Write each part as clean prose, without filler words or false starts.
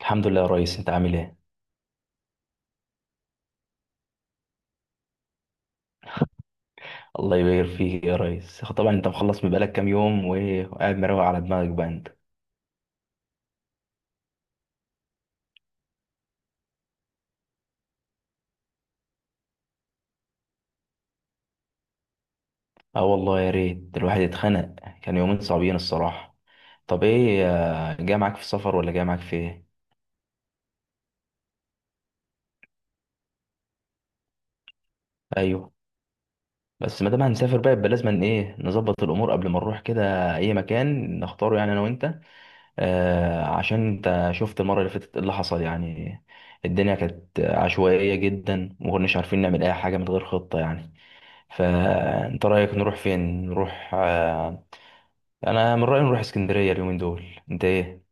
الحمد لله يا ريس، انت عامل ايه؟ الله يبارك فيك يا ريس. طبعا انت مخلص من بقالك كام يوم وايه، وقاعد مروق على دماغك بقى انت. اه والله، يا ريت الواحد اتخنق. كان يومين صعبين الصراحه. طب ايه؟ جاي معاك في السفر ولا جاي معاك في ايه؟ ايوه، بس ما دام هنسافر بقى يبقى لازم ايه، نظبط الامور قبل ما نروح كده اي مكان نختاره يعني انا وانت. عشان انت شفت المره اللي فاتت ايه اللي حصل يعني. الدنيا كانت عشوائيه جدا وما كناش عارفين نعمل اي حاجه من غير خطه يعني. فانت رايك نروح فين؟ نروح انا من رايي نروح اسكندريه اليومين دول. انت ايه؟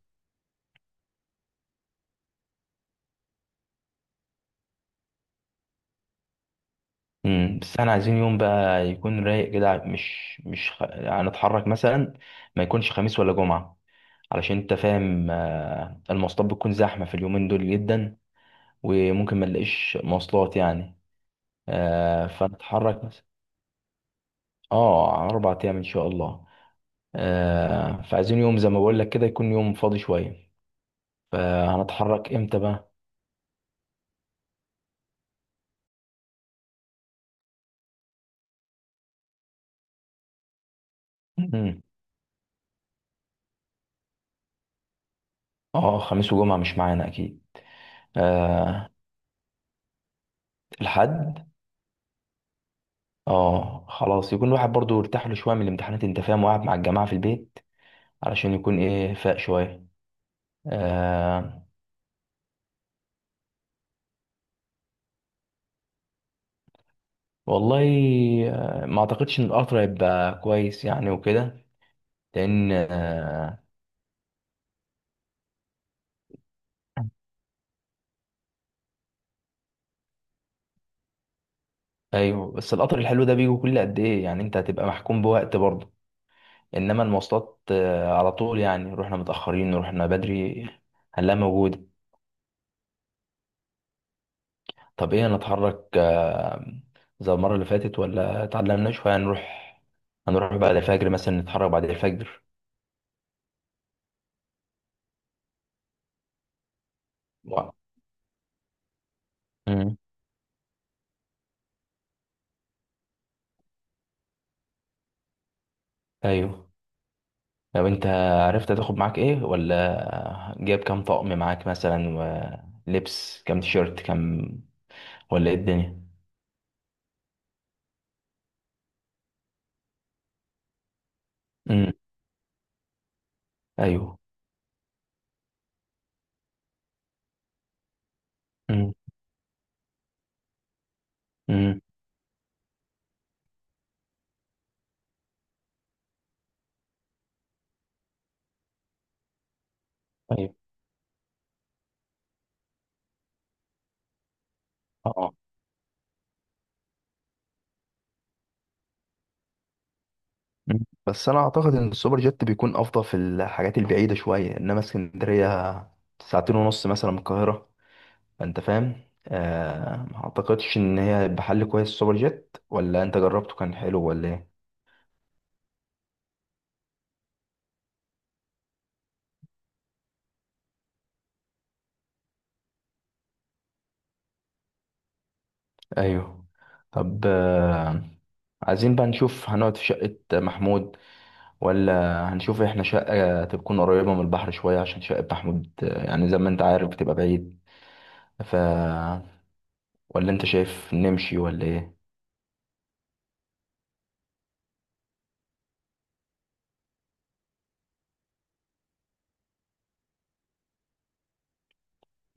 بس احنا عايزين يوم بقى يكون رايق كده مش هنتحرك مثلا. ما يكونش خميس ولا جمعه. علشان انت فاهم، المواصلات بتكون زحمه في اليومين دول جدا. وممكن ما نلاقيش مواصلات يعني. فنتحرك مثلا. اه، على 4 ايام ان شاء الله. فعايزين يوم زي ما بقول لك كده يكون يوم فاضي شويه. فهنتحرك امتى بقى؟ اه، خميس وجمعة مش معانا اكيد. آه، الحد. اه، خلاص يكون الواحد برضو ارتاح له شوية من الامتحانات، انت فاهم، وقاعد مع الجماعة في البيت. علشان يكون ايه فاق شوية. آه والله. ما اعتقدش ان القطر هيبقى كويس يعني وكده. لان ايوه، بس القطر الحلو ده بيجي كل قد ايه يعني؟ انت هتبقى محكوم بوقت برضه. انما المواصلات على طول يعني، رحنا متأخرين رحنا بدري، هنلاقيها موجودة. طب ايه، نتحرك زي المرة اللي فاتت ولا اتعلمنا شوية؟ هنروح، هنروح بعد الفجر مثلا، نتحرك بعد الفجر. و... مم. ايوه. لو انت عرفت تاخد معاك ايه، ولا جايب كام طقم معاك مثلا، ولبس كام تيشيرت كام، ولا ايه الدنيا. امم. ايوه. امم، امم. ايوه. اه. مم. بس انا اعتقد ان السوبر جيت بيكون افضل في الحاجات البعيدة شوية، انما اسكندرية ساعتين ونص مثلا من القاهرة. فانت فاهم. ما اعتقدش ان هي هيبقى حل كويس السوبر جيت، ولا انت جربته كان حلو ولا ايه؟ ايوه. طب عايزين بقى نشوف هنقعد في شقة محمود، ولا هنشوف احنا شقة تكون قريبة من البحر شوية، عشان شقة محمود، يعني زي ما انت عارف بتبقى بعيد. ف ولا انت شايف نمشي ولا ايه؟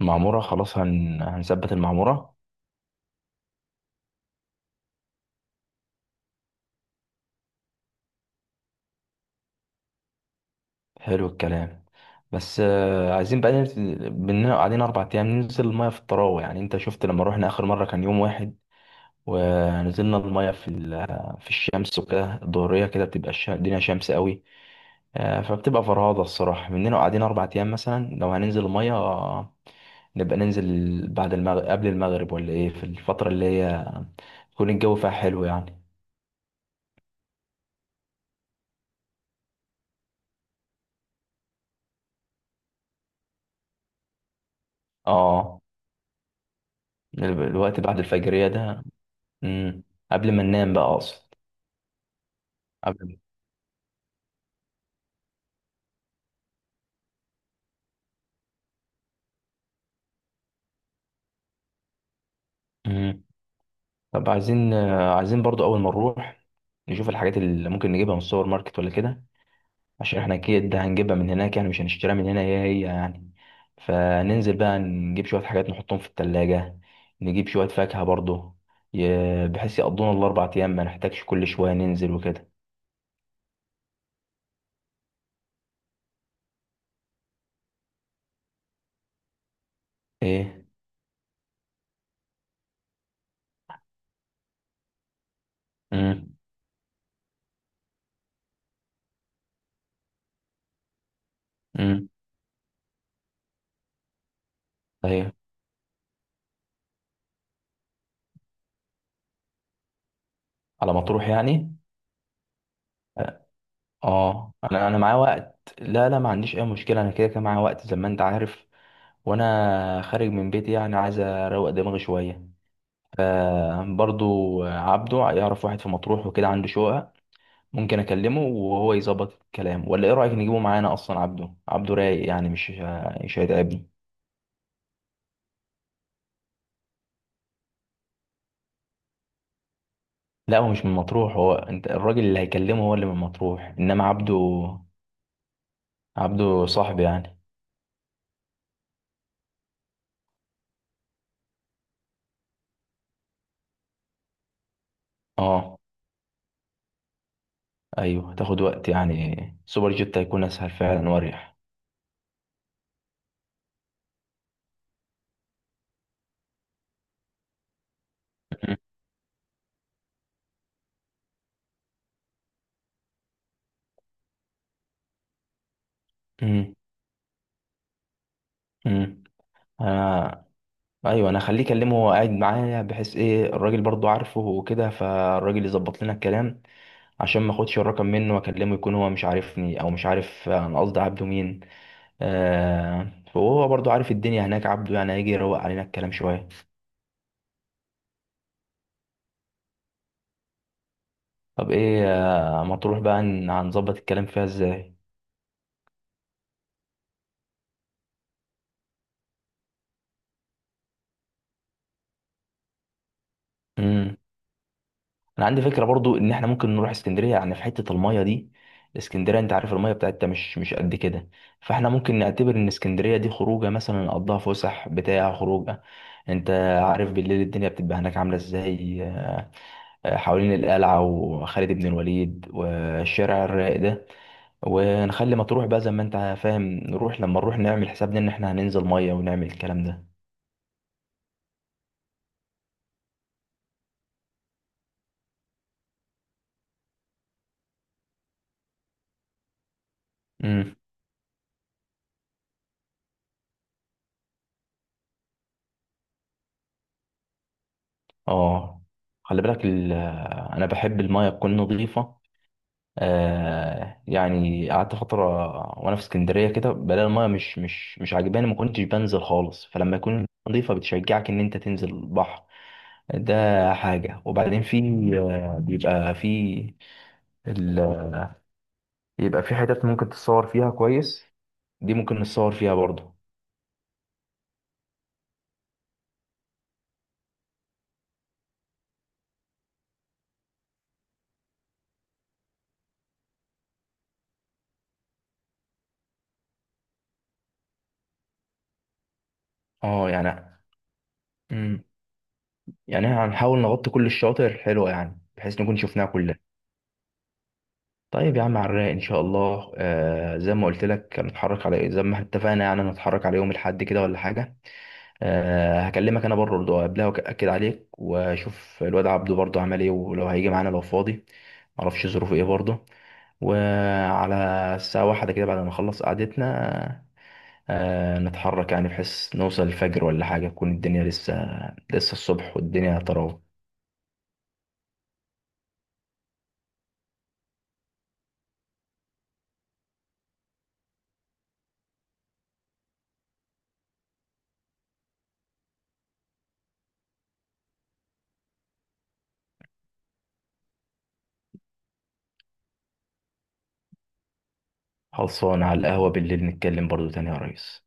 المعمورة خلاص، هنثبت المعمورة. حلو الكلام. بس عايزين بقى ننزل، بننا قاعدين 4 ايام ننزل المايه في الطراوه، يعني انت شفت لما روحنا اخر مره كان يوم واحد، ونزلنا المايه في الشمس وكده، الظهريه كده بتبقى الدنيا شمس قوي. فبتبقى فرهاضه الصراحه، مننا قاعدين 4 ايام مثلا، لو هننزل المايه نبقى ننزل بعد المغرب، قبل المغرب، ولا ايه؟ في الفتره اللي هي يكون الجو فيها حلو يعني. اه، الوقت بعد الفجريه ده. مم، قبل ما ننام بقى اقصد. قبل. مم. طب عايزين برضو اول ما نروح نشوف الحاجات اللي ممكن نجيبها من السوبر ماركت ولا كده. عشان احنا اكيد هنجيبها من هناك، يعني مش هنشتريها من هنا، هي هي يعني. فننزل بقى نجيب شوية حاجات نحطهم في التلاجة، نجيب شوية فاكهة برضو، بحيث يقضونا الاربع ايام، ما نحتاجش كل شوية ننزل وكده. ايه. امم. امم. طيب. على ما تروح يعني. اه، انا معايا وقت. لا، لا، ما عنديش اي مشكلة. انا كده كده معايا وقت زي ما انت عارف. وانا خارج من بيتي يعني عايز اروق دماغي شويه. فبرضو عبده يعرف واحد في مطروح وكده عنده شقه. ممكن اكلمه وهو يظبط الكلام، ولا ايه رايك نجيبه معانا اصلا؟ عبده، عبده رايق يعني، مش هيتعبني. لا، هو مش من مطروح. هو انت الراجل اللي هيكلمه هو اللي من مطروح، انما عبده، عبده صاحبي يعني. اه. ايوه، تاخد وقت يعني. سوبر جيت هيكون اسهل فعلا واريح. مم. مم. مم. ايوه، انا خليه يكلمه وهو قاعد معايا، بحيث ايه، الراجل برضو عارفه وكده، فالراجل يظبط لنا الكلام. عشان ما اخدش الرقم منه واكلمه يكون هو مش عارفني، او مش عارف انا قصدي عبده مين. فهو برضو عارف الدنيا هناك عبده، يعني هيجي يروق علينا الكلام شويه. طب ايه، ما تروح بقى، هنظبط الكلام فيها ازاي؟ انا عندي فكره برضو ان احنا ممكن نروح اسكندريه، يعني في حته المايه دي. اسكندريه انت عارف المايه بتاعتها مش قد كده. فاحنا ممكن نعتبر ان اسكندريه دي خروجه، مثلا نقضيها فسح، بتاع خروجه. انت عارف بالليل الدنيا بتبقى هناك عامله ازاي. حوالين القلعه وخالد بن الوليد والشارع الرايق ده. ونخلي مطروح بقى زي ما انت فاهم، نروح لما نروح نعمل حسابنا ان احنا هننزل ميه ونعمل الكلام ده. امم. اه، خلي بالك انا بحب المايه تكون نظيفه. يعني قعدت فترة وأنا في اسكندرية كده بلاقي المية مش عاجباني. ما كنتش بنزل خالص. فلما يكون نظيفة بتشجعك إن أنت تنزل البحر. ده حاجة، وبعدين في بيبقى في ال... بيبقى في حتت ممكن تتصور فيها كويس. دي ممكن نتصور فيها برضه. اه، يعني، مم. يعني إحنا هنحاول نغطي كل الشواطئ الحلوة يعني بحيث نكون شفناها كلها. طيب يا عم، على الرايق ان شاء الله. زي ما قلت لك، هنتحرك على إيه، زي ما اتفقنا يعني، نتحرك على يوم الاحد كده ولا حاجة؟ أه، هكلمك انا بره برضه قبلها واكد عليك، واشوف الواد عبده برضه عمل ايه، ولو هيجي معانا لو فاضي، معرفش ظروفه ايه برضه. وعلى الساعة واحدة كده بعد ما نخلص قعدتنا أه نتحرك، يعني بحيث نوصل الفجر ولا حاجة تكون الدنيا لسه الصبح والدنيا تراوح. خلصانة على القهوة بالليل نتكلم برضه تاني يا ريس.